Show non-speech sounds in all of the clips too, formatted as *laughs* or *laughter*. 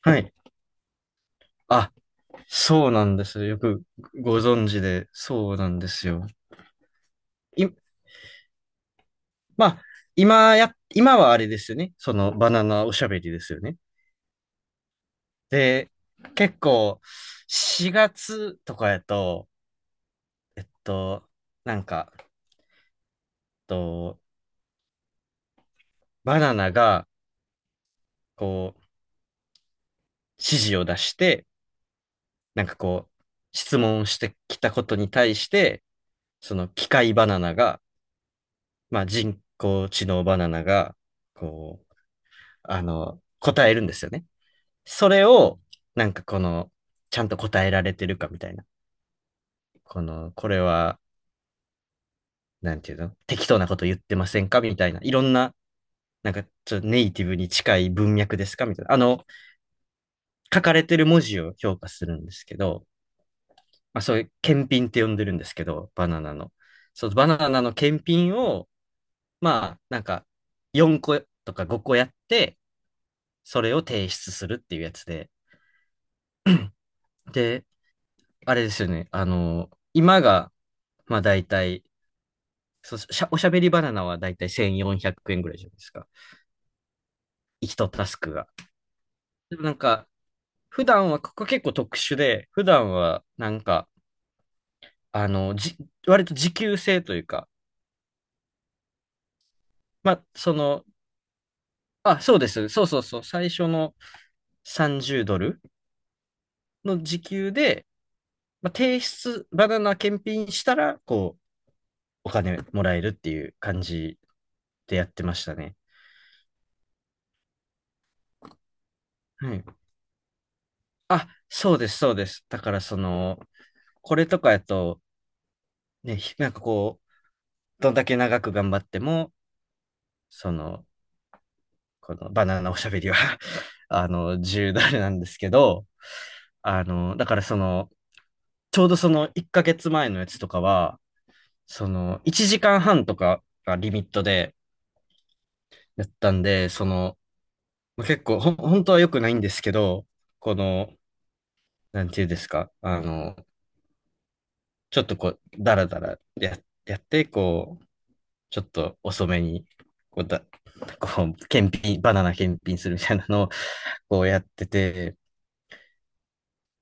はい。あ、そうなんです。よくご存知で、そうなんですよ。い、まあ、今はあれですよね。そのバナナおしゃべりですよね。で、結構、4月とかやと、えっと、なんか、と、バナナが、こう、指示を出して、なんかこう、質問してきたことに対して、その機械バナナが、まあ、人工知能バナナが、こう、答えるんですよね。それを、なんかこの、ちゃんと答えられてるかみたいな。これは、なんていうの適当なこと言ってませんかみたいな。いろんな、なんかちょっとネイティブに近い文脈ですかみたいな。書かれてる文字を評価するんですけど、まあそういう検品って呼んでるんですけど、バナナの。そのバナナの検品を、まあ、なんか、4個とか5個やって、それを提出するっていうやつで。で、あれですよね。今が、まあ大体、そしゃ、おしゃべりバナナは大体1400円ぐらいじゃないですか。一タスクが。でもなんか、普段は、ここ結構特殊で、普段は、なんか、あの、じ、割と時給制というか、まあ、あ、そうです。そうそうそう。最初の30ドルの時給で、まあ、バナナ検品したら、こう、お金もらえるっていう感じでやってましたね。はい。あ、そうです、そうです。だからその、これとかやと、ね、なんかこう、どんだけ長く頑張っても、その、このバナナおしゃべりは *laughs* 自由だれなんですけど、だからその、ちょうどその1ヶ月前のやつとかは、その、1時間半とかがリミットでやったんで、結構、本当は良くないんですけど、この、なんていうんですか、ちょっとこう、だらだらやって、こう、ちょっと遅めに、こうだ、こう、バナナ検品するみたいなのを、こうやってて、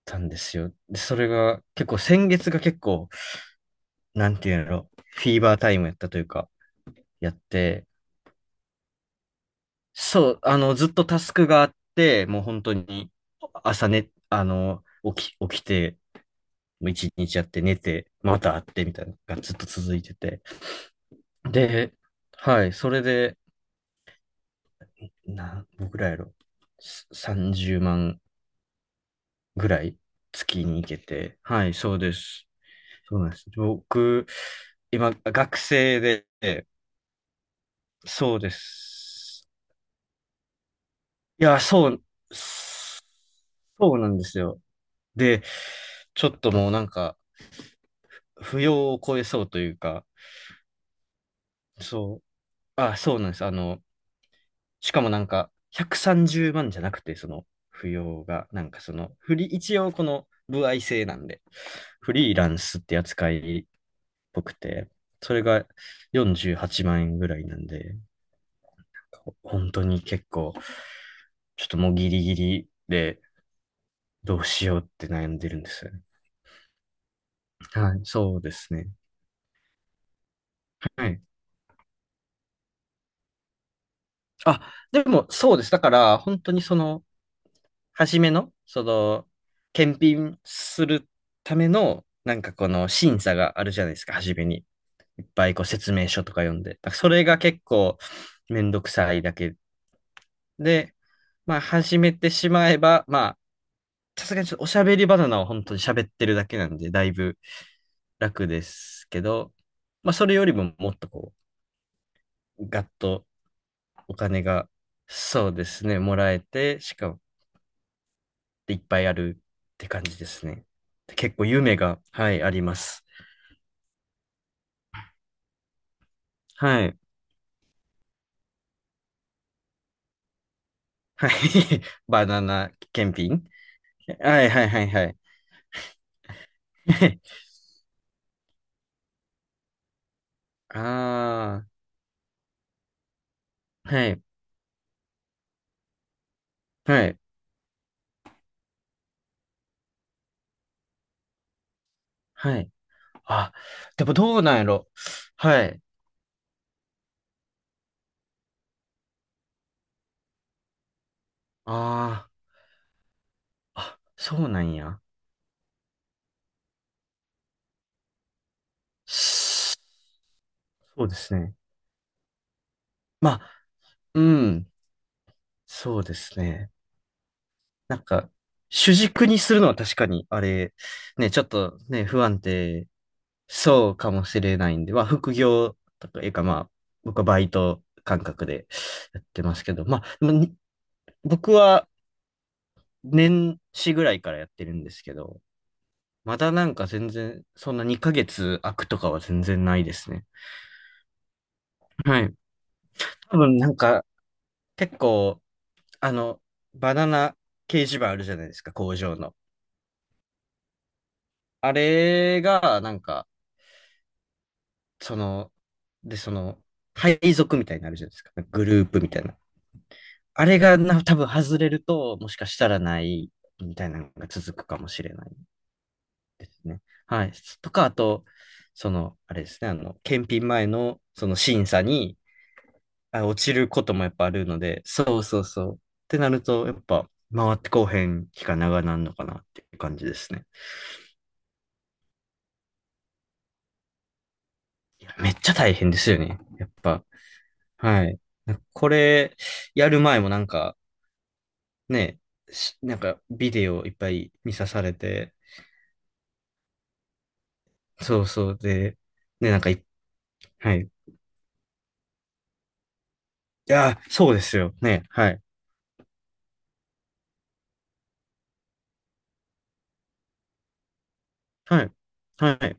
たんですよ。で、それが、結構先月が結構、なんていうの、フィーバータイムやったというか、やって、そう、ずっとタスクがあって、もう本当に、朝ね、起きて、もう一日やって寝て、また会ってみたいなのがずっと続いてて。で、はい、それで、僕らやろ、30万ぐらい月に行けて。はい、そうです。そうなんです。僕、今、学生で、そうです。いや、そうなんですよ。で、ちょっともうなんか、扶養を超えそうというか、そう、あ、そうなんです。しかもなんか、130万じゅうまんじゃなくて、扶養が、なんかその、フリー、一応この、歩合制なんで、フリーランスって扱いぽくて、それが48万円ぐらいなんで、本当に結構、ちょっともうギリギリでどうしようって悩んでるんですよね。はい、そうですね。はい。あ、でもそうです。だから、本当に初めの、検品するための、なんかこの審査があるじゃないですか、初めに。いっぱいこう説明書とか読んで。だからそれが結構めんどくさいだけで、まあ始めてしまえば、まさすがにちょっとおしゃべりバナナを本当に喋ってるだけなんで、だいぶ楽ですけど、まあそれよりももっとこう、ガッとお金が、そうですね、もらえて、しかもいっぱいあるって感じですね。結構夢が、はい、あります。はい。はい。*laughs* バナナ検品はいはいはいはい。*laughs* ああ、はい、はい、はい。あ、でもどうなんやろはい。あーあ、そうなんや。そうですね。まあ、うん、そうですね。なんか、主軸にするのは確かに、あれ、ね、ちょっとね、不安定そうかもしれないんで、まあ、副業とかいうか、まあ、僕はバイト感覚でやってますけど、まあ、でもに僕は年始ぐらいからやってるんですけど、まだなんか全然、そんな2ヶ月空くとかは全然ないですね。はい。多分なんか、結構、あの、バナナ掲示板あるじゃないですか、工場の。あれが、なんか、その、で、配属みたいになるじゃないですか。グループみたいな。あれがな、多分外れると、もしかしたらない、みたいなのが続くかもしれないですね。はい。とか、あと、あれですね、検品前の、その審査に、あ、落ちることもやっぱあるので、そうそうそう。ってなると、やっぱ、回ってこうへん期間長なんのかなっていう感じですね。めっちゃ大変ですよね。やっぱ。はい。なんかこれ、やる前もなんか、ね、しなんか、ビデオいっぱい見さされて、そうそうで、ね、なんかい、はい。いやー、そうですよ。ね、はい。はい。はい。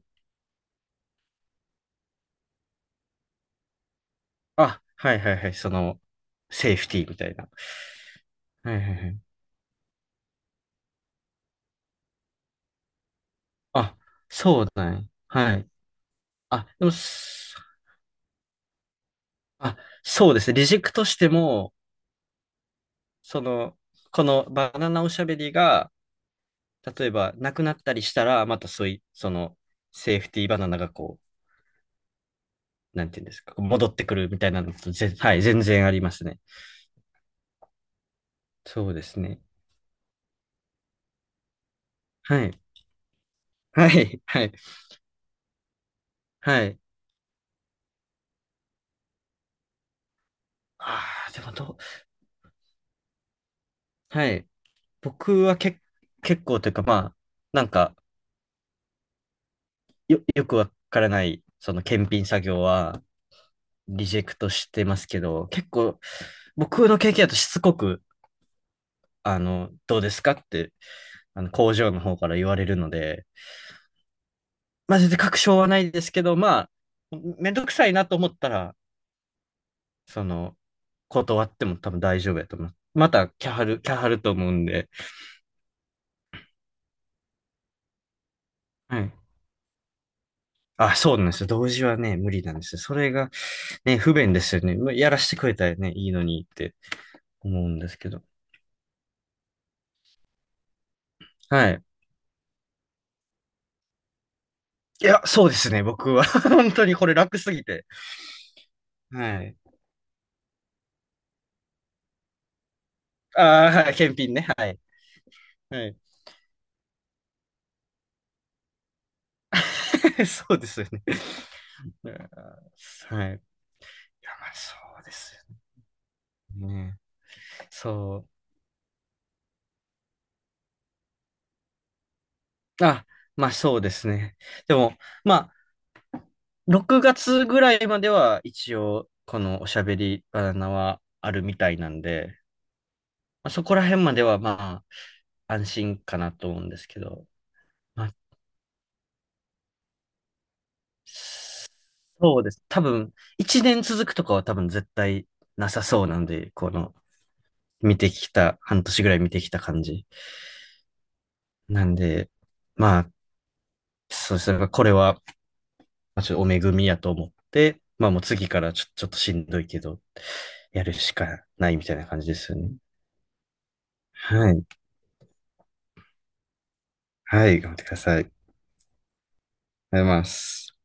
あ、はいはいはい。その、セーフティーみたいな。はいはいはい。あ、そうだね。はい。あ、でも、あ、そうですね。リジェクトしても、その、このバナナおしゃべりが、例えば、なくなったりしたら、またそういう、セーフティーバナナがこう、なんていうんですか、戻ってくるみたいなのと、はい、全然ありますね。そうですね。はい。はい。はい。はい。ああ、でもどう、はい。僕は結構というか、まあ、なんか、よくわからない、その検品作業は、リジェクトしてますけど、結構、僕の経験だとしつこく、どうですかって、工場の方から言われるので、まあ、全然確証はないですけど、まあ、めんどくさいなと思ったら、その、断っても多分大丈夫やと思います。また、キャハル、キャハルと思うんで。はい。あ、そうなんですよ。同時はね、無理なんですよ。それが、ね、不便ですよね。まあやらしてくれたらね、いいのにって思うんですけど。はい。いや、そうですね、僕は。*laughs* 本当にこれ楽すぎて。はい。ああ、はい、検品ね。はい。はい。*laughs* そうですよね。*laughs* あーはい。いや、まあ、そうですよね。そう。あ、まあそうですね。でも、まあ、6月ぐらいまでは一応、このおしゃべりバナナはあるみたいなんで、まあ、そこら辺まではまあ、安心かなと思うんですけど、まあそうです。多分、1年続くとかは多分絶対なさそうなんで、見てきた、半年ぐらい見てきた感じ。なんで、まあ、そうですね。これはまあ、ちょっとお恵みやと思って、まあもう次からちょっとしんどいけど、やるしかないみたいな感じですよね。はい。はい、頑張ってください。ありがとうございます。